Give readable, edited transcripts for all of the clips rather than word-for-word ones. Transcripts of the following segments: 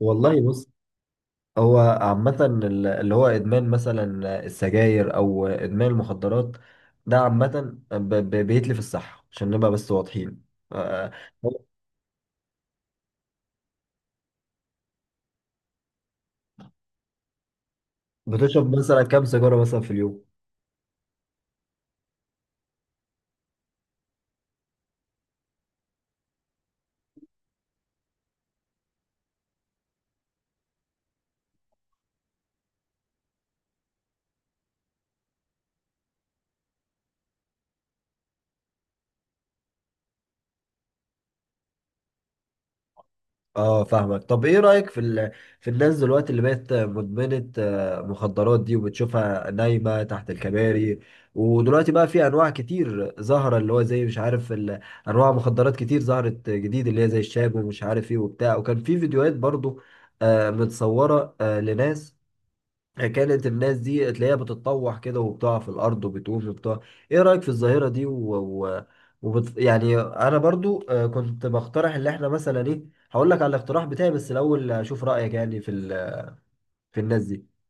والله بص، هو عامة اللي هو إدمان مثلا السجاير أو إدمان المخدرات، ده عامة بيتلف الصحة عشان نبقى بس واضحين. آه، بتشرب مثلا كام سيجارة مثلا في اليوم؟ اه فاهمك. طب ايه رأيك في في الناس دلوقتي اللي بقت مدمنة مخدرات دي، وبتشوفها نايمة تحت الكباري؟ ودلوقتي بقى في انواع كتير ظاهرة، اللي هو زي مش عارف انواع مخدرات كتير ظهرت جديد، اللي هي زي الشاب ومش عارف ايه وبتاع، وكان في فيديوهات برضو متصورة لناس، كانت الناس دي تلاقيها بتتطوح كده وبتقع في الارض وبتقوم وبتاع. ايه رايك في الظاهره دي و... يعني انا برضو كنت بقترح اللي احنا مثلا ايه. هقول لك على الاقتراح بتاعي بس الاول اشوف رايك يعني في في الناس دي.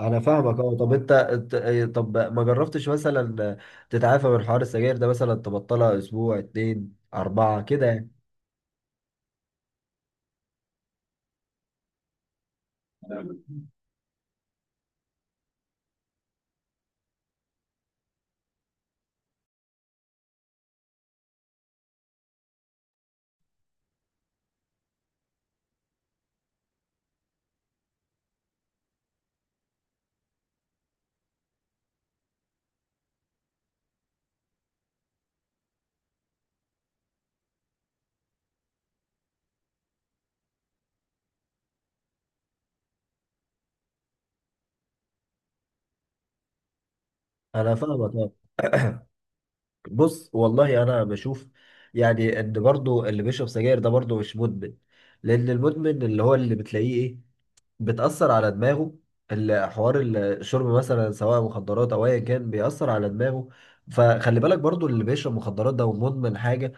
انا فاهمك. اه طب انت أنت- آه، طب ما جربتش مثلا تتعافى من حوار السجاير ده، مثلا تبطلها اسبوع، اتنين، اربعه كده يعني؟ انا فاهمك بص، والله انا بشوف يعني ان برضو اللي بيشرب سجاير ده برضو مش مدمن، لان المدمن اللي هو اللي بتلاقيه ايه، بتأثر على دماغه. حوار الشرب مثلا، سواء مخدرات او ايا كان، بيأثر على دماغه. فخلي بالك برضو اللي بيشرب مخدرات ده ومدمن حاجة،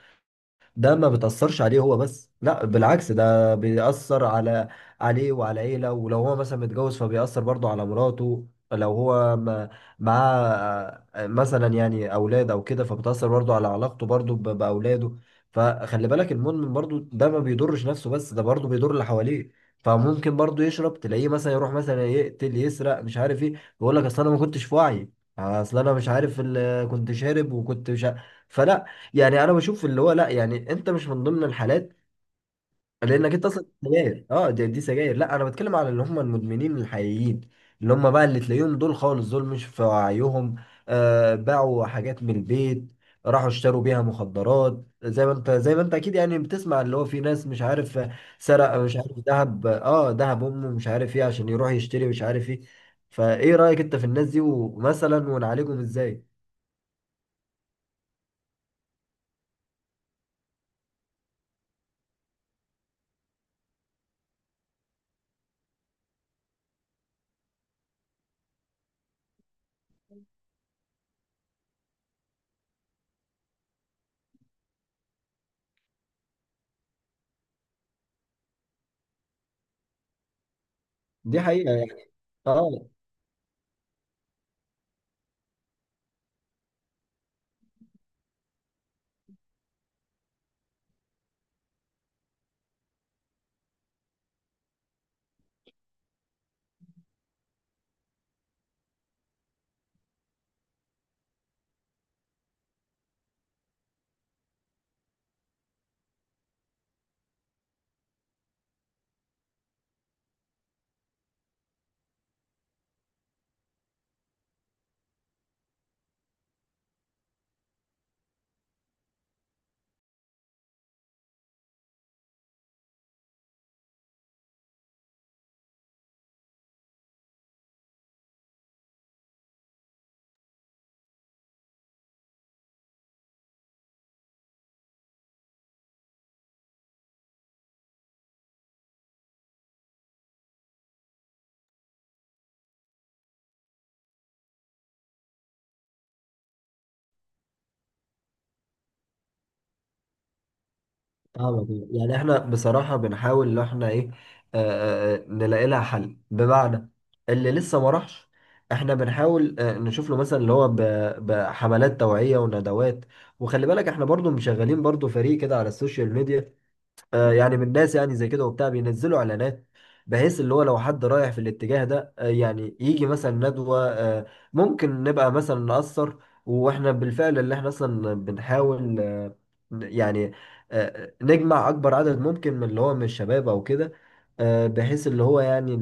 ده ما بتأثرش عليه هو بس، لا بالعكس، ده بيأثر على عليه وعلى عيلة. ولو هو مثلا متجوز، فبيأثر برضه على مراته. لو هو معاه مثلا يعني أولاد أو كده، فبتأثر برضه على علاقته برضه بأولاده. فخلي بالك المدمن برضه ده ما بيضرش نفسه بس، ده برضه بيضر اللي حواليه. فممكن برضه يشرب، تلاقيه مثلا يروح مثلا يقتل، يسرق، مش عارف ايه، يقول لك اصل انا ما كنتش في وعي، اصل انا مش عارف كنت شارب وكنت مش عارف. فلا، يعني انا بشوف اللي هو لا، يعني انت مش من ضمن الحالات، لانك انت اصلا سجاير، اه دي، دي سجاير. لا انا بتكلم على اللي هم المدمنين الحقيقيين، اللي هم بقى اللي تلاقيهم دول خالص دول مش في وعيهم. آه، باعوا حاجات من البيت، راحوا اشتروا بيها مخدرات، زي ما انت، زي ما انت اكيد يعني بتسمع اللي هو في ناس مش عارف سرق، مش عارف ذهب، اه ذهب امه، مش عارف ايه، عشان يروح يشتري مش عارف ايه. فايه رايك انت في الناس دي، ومثلا ونعالجهم ازاي؟ دي حقيقة يعني. اه اه، يعني يعني احنا بصراحة بنحاول ان احنا ايه، نلاقي لها حل، بمعنى اللي لسه ما راحش. احنا بنحاول نشوف له مثلا اللي هو بحملات توعية وندوات. وخلي بالك احنا برضو مشغلين برضو فريق كده على السوشيال ميديا، يعني من الناس يعني زي كده وبتاع، بينزلوا اعلانات، بحيث اللي هو لو حد رايح في الاتجاه ده يعني يجي مثلا ندوة، ممكن نبقى مثلا نأثر. واحنا بالفعل اللي احنا اصلا بنحاول يعني نجمع اكبر عدد ممكن من اللي هو من الشباب او كده، بحيث اللي هو يعني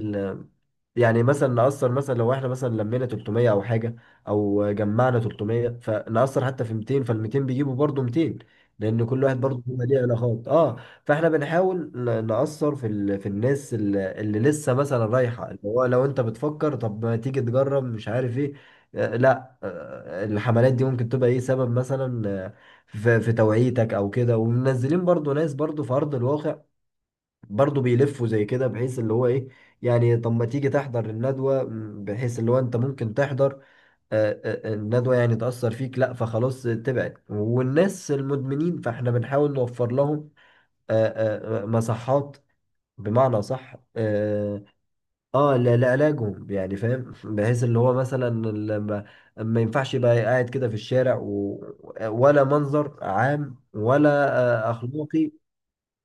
يعني مثلا نأثر. مثلا لو احنا مثلا لمينا 300 او حاجه، او جمعنا 300، فنأثر حتى في 200، فال 200 بيجيبوا برضه 200، لان كل واحد برضه بيبقى ليه علاقات. اه، فاحنا بنحاول نأثر في في الناس اللي لسه مثلا رايحه، اللي هو لو انت بتفكر طب ما تيجي تجرب مش عارف ايه، لا الحملات دي ممكن تبقى ايه سبب مثلا في, في توعيتك او كده. ومنزلين برضه ناس برضه في ارض الواقع، برضه بيلفوا زي كده، بحيث اللي هو ايه يعني طب ما تيجي تحضر الندوة، بحيث اللي هو انت ممكن تحضر الندوة، يعني تأثر فيك، لا فخلاص تبعد. والناس المدمنين فاحنا بنحاول نوفر لهم مصحات، بمعنى صح، اه لعلاجهم يعني فاهم، بحيث اللي هو مثلا ما ينفعش يبقى قاعد كده في الشارع، ولا منظر عام، ولا اخلاقي.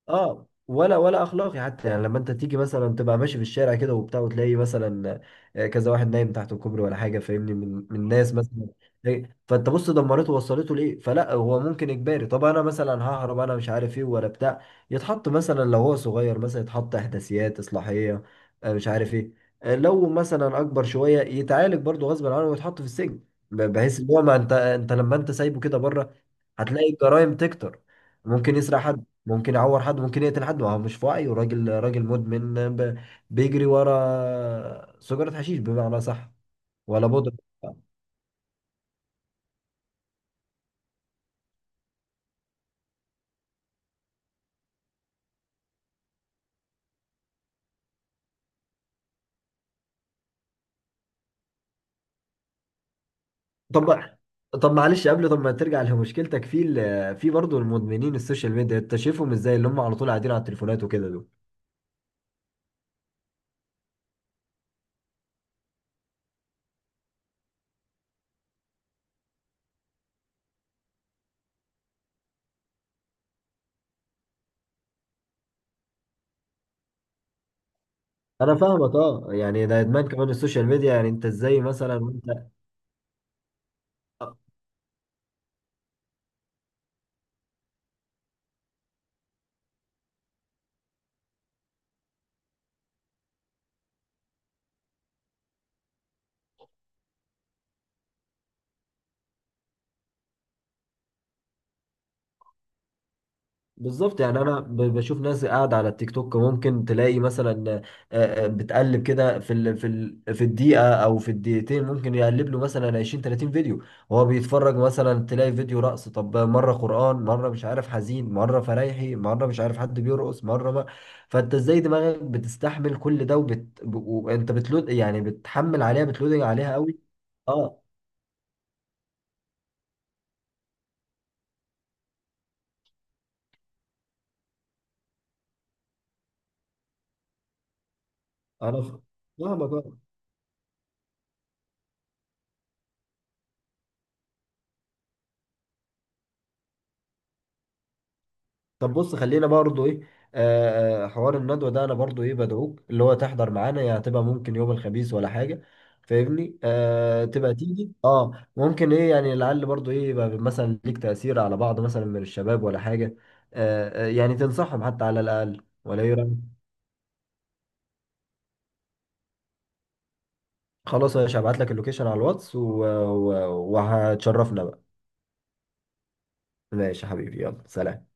اه ولا ولا اخلاقي حتى، يعني لما انت تيجي مثلا تبقى ماشي في الشارع كده وبتاع، وتلاقي مثلا كذا واحد نايم تحت الكوبري ولا حاجه فاهمني، من ناس مثلا، إيه، فانت بص دمرته ووصلته ليه. فلا، هو ممكن اجباري، طب انا مثلا ههرب انا مش عارف ايه ولا بتاع، يتحط مثلا، لو هو صغير مثلا يتحط احداثيات اصلاحيه، مش عارف ايه. لو مثلا اكبر شويه، يتعالج برضه غصب عنه ويتحط في السجن، بحيث ان هو، ما انت لما انت سايبه كده بره، هتلاقي الجرائم تكتر. ممكن يسرق حد، ممكن يعور حد، ممكن يقتل حد، ما هو مش في وعيه، راجل، مدمن بيجري ورا سجارة حشيش، بمعنى صح، ولا مدمن. طب طب معلش، قبل ما ترجع لمشكلتك، في في برضه المدمنين السوشيال ميديا، انت شايفهم ازاي اللي هم على طول قاعدين على التليفونات وكده دول؟ انا فاهمك. اه يعني ده ادمان كمان السوشيال ميديا. يعني انت ازاي مثلا وانت، بالظبط. يعني انا بشوف ناس قاعده على التيك توك، ممكن تلاقي مثلا بتقلب كده في ال في ال في الدقيقه او في الدقيقتين، ممكن يقلب له مثلا 20 30 فيديو، وهو بيتفرج، مثلا تلاقي فيديو رقص، طب مره قران، مره مش عارف حزين، مره فرايحي، مره مش عارف حد بيرقص، مره ما، فانت ازاي دماغك بتستحمل كل ده؟ وانت بتلود، يعني بتحمل عليها، بتلودنج عليها قوي. اه انا فاهمك طب بص، خلينا برضو ايه، حوار الندوة ده، انا برضو ايه بدعوك اللي هو تحضر معانا، يعني هتبقى ممكن يوم الخميس ولا حاجة فاهمني، تبقى تيجي، اه ممكن ايه يعني، لعل برضو ايه يبقى مثلا ليك تأثير على بعض مثلا من الشباب ولا حاجة. يعني تنصحهم حتى على الأقل، ولا ايه رأيك؟ خلاص يا باشا، هبعت لك اللوكيشن على الواتس، وهتشرفنا بقى. ماشي يا حبيبي، يلا سلام.